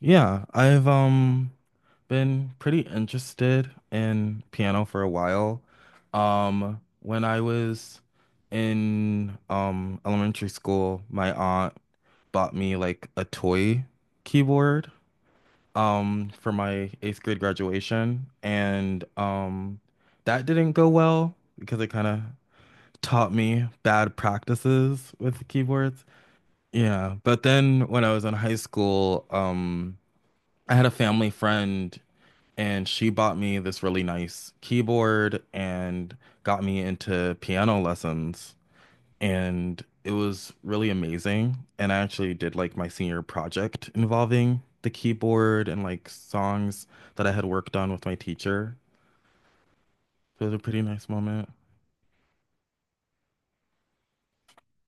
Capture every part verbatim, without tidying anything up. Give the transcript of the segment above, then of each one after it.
Yeah, I've um been pretty interested in piano for a while. Um, when I was in um elementary school, my aunt bought me like a toy keyboard um for my eighth grade graduation, and um that didn't go well because it kind of taught me bad practices with keyboards. Yeah, but then when I was in high school, um I had a family friend and she bought me this really nice keyboard and got me into piano lessons, and it was really amazing, and I actually did like my senior project involving the keyboard and like songs that I had worked on with my teacher. So it was a pretty nice moment.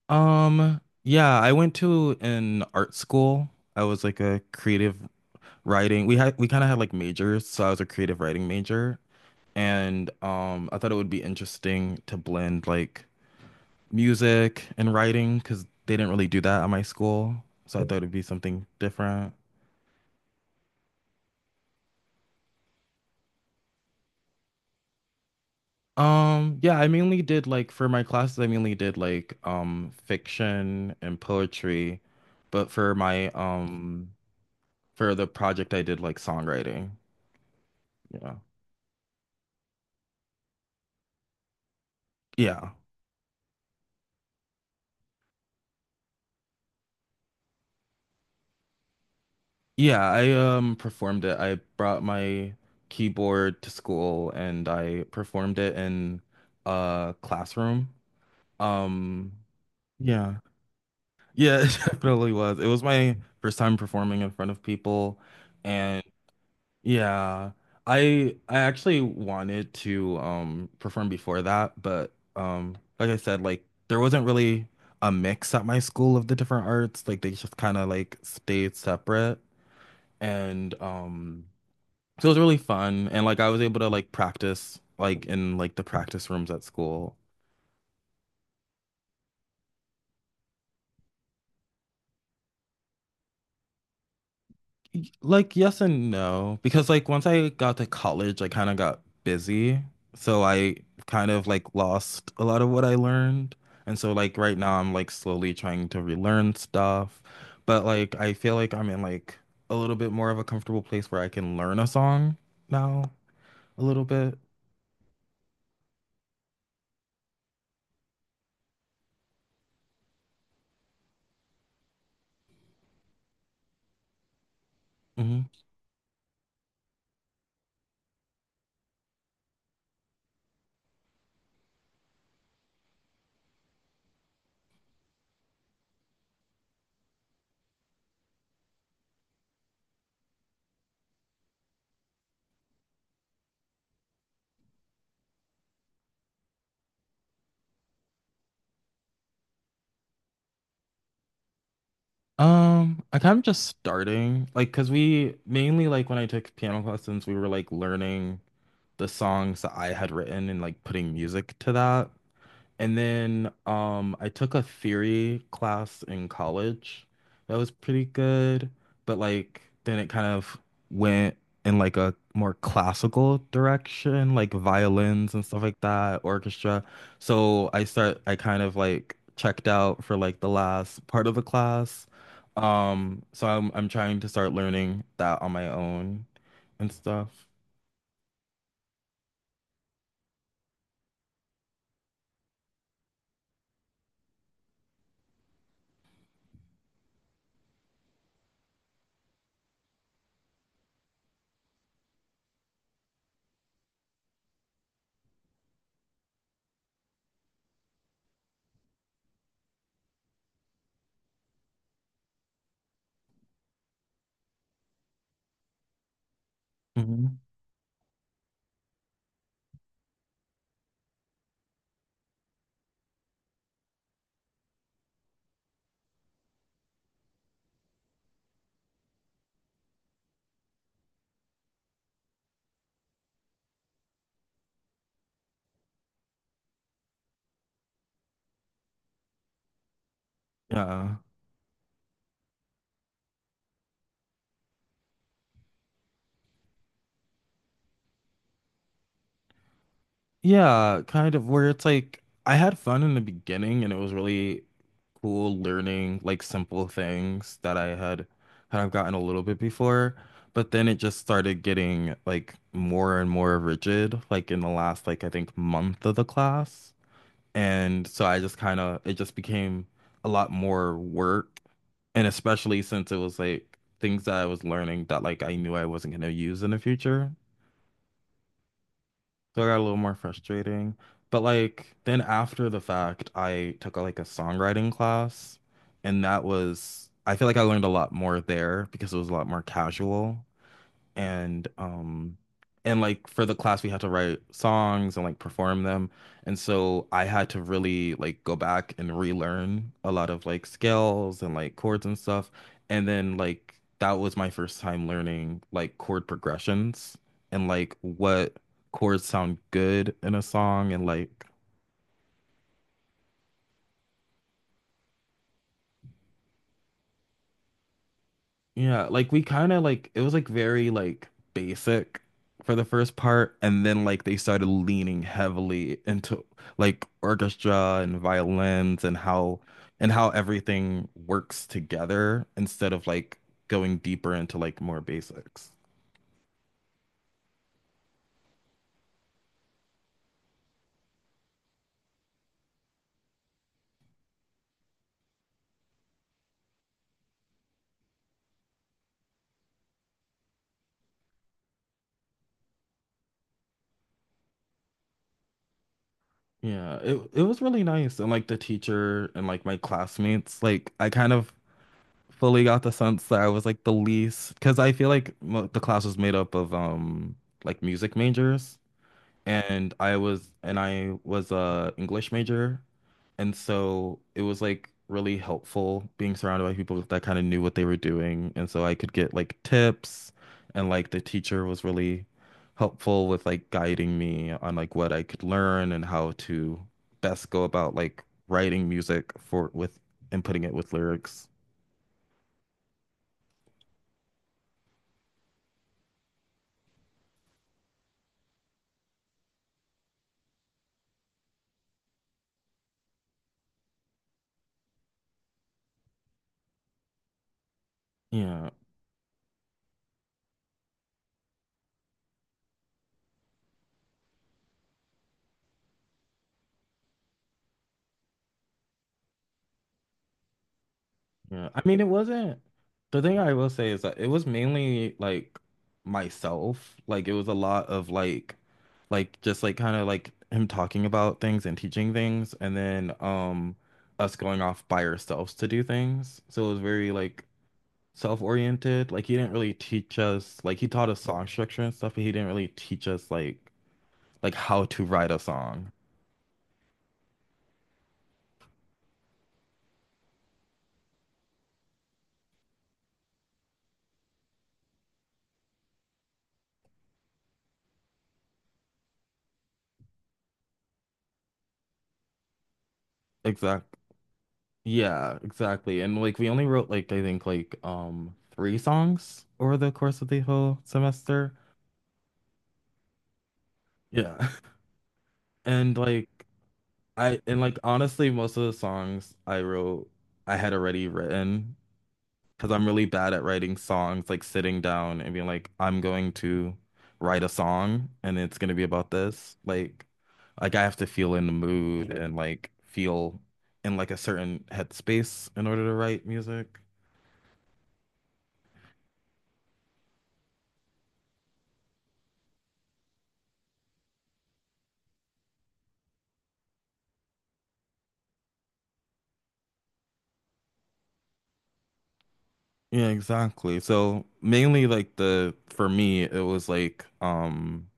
Um yeah, I went to an art school. I was like a creative writing. We had we kind of had like majors, so I was a creative writing major. And um, I thought it would be interesting to blend like music and writing because they didn't really do that at my school. So I thought it'd be something different. Um, yeah, I mainly did like for my classes, I mainly did like um fiction and poetry, but for my um for the project I did like songwriting. Yeah. Yeah. Yeah, I um performed it. I brought my keyboard to school and I performed it in a classroom. Um, yeah, yeah, it definitely was. It was my first time performing in front of people, and yeah, I I actually wanted to um perform before that, but um, like I said, like there wasn't really a mix at my school of the different arts. Like they just kind of like stayed separate, and um, so it was really fun, and like I was able to like practice like in like the practice rooms at school. Y- Like yes and no, because like once I got to college, I kind of got busy. So I kind of like lost a lot of what I learned. And so like right now I'm like slowly trying to relearn stuff. But like I feel like I'm in like a little bit more of a comfortable place where I can learn a song now a little bit. Hmm. Um, I kind of just starting like because we mainly like when I took piano lessons, we were like learning the songs that I had written and like putting music to that. And then um I took a theory class in college. That was pretty good, but like then it kind of went in like a more classical direction, like violins and stuff like that, orchestra. So I start I kind of like checked out for like the last part of the class. Um so I'm I'm trying to start learning that on my own and stuff. Mm-hmm. Yeah. Yeah, kind of where it's like I had fun in the beginning, and it was really cool learning like simple things that I had kind of gotten a little bit before, but then it just started getting like more and more rigid like in the last like I think month of the class. And so I just kind of it just became a lot more work, and especially since it was like things that I was learning that like I knew I wasn't going to use in the future. So I got a little more frustrating. But like then after the fact, I took like a songwriting class, and that was, I feel like I learned a lot more there because it was a lot more casual, and um and like for the class we had to write songs and like perform them, and so I had to really like go back and relearn a lot of like scales and like chords and stuff, and then like that was my first time learning like chord progressions and like what chords sound good in a song and like. Yeah, like we kind of like it was like very like basic for the first part, and then like they started leaning heavily into like orchestra and violins, and how and how everything works together instead of like going deeper into like more basics. Yeah, it it was really nice, and like the teacher and like my classmates, like I kind of fully got the sense that I was like the least because I feel like mo- the class was made up of um like music majors. and I was and I was a English major, and so it was like really helpful being surrounded by people that kind of knew what they were doing, and so I could get like tips, and like the teacher was really helpful with like guiding me on like what I could learn and how to best go about like writing music for with and putting it with lyrics. Yeah. Yeah, I mean, it wasn't. The thing I will say is that it was mainly like myself. Like it was a lot of like, like just like kind of like him talking about things and teaching things, and then um us going off by ourselves to do things. So it was very like self-oriented. Like he didn't really teach us. Like he taught us song structure and stuff, but he didn't really teach us like like how to write a song. Exactly. Yeah, exactly. And like we only wrote like I think like um three songs over the course of the whole semester. Yeah. And like I and like honestly most of the songs I wrote I had already written because I'm really bad at writing songs like sitting down and being like I'm going to write a song and it's going to be about this. Like like I have to feel in the mood and like feel in like a certain headspace in order to write music. Yeah, exactly. So mainly like the for me it was like um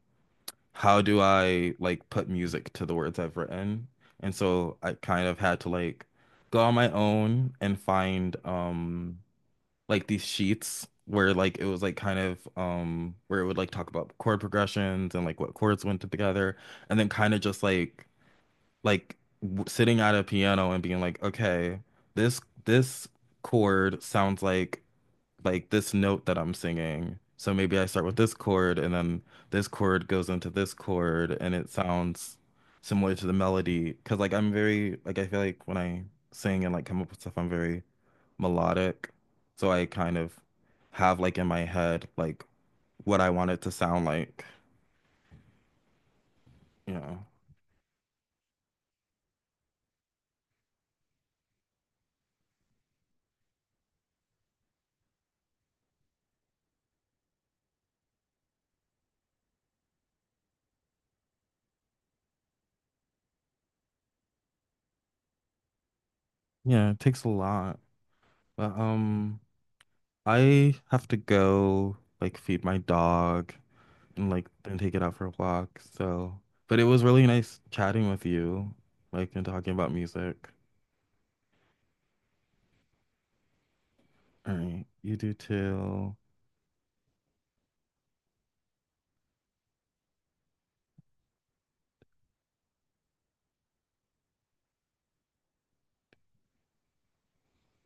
how do I like put music to the words I've written? And so I kind of had to like go on my own and find um like these sheets where like it was like kind of um where it would like talk about chord progressions and like what chords went together, and then kind of just like like w sitting at a piano and being like, okay, this this chord sounds like like this note that I'm singing. So maybe I start with this chord, and then this chord goes into this chord, and it sounds similar to the melody. Cause like I'm very like I feel like when I sing and like come up with stuff, I'm very melodic. So I kind of have like in my head like, what I want it to sound like, you know. Yeah, it takes a lot. But um I have to go like feed my dog and like then take it out for a walk. So, but it was really nice chatting with you, like and talking about music. All right, you do too.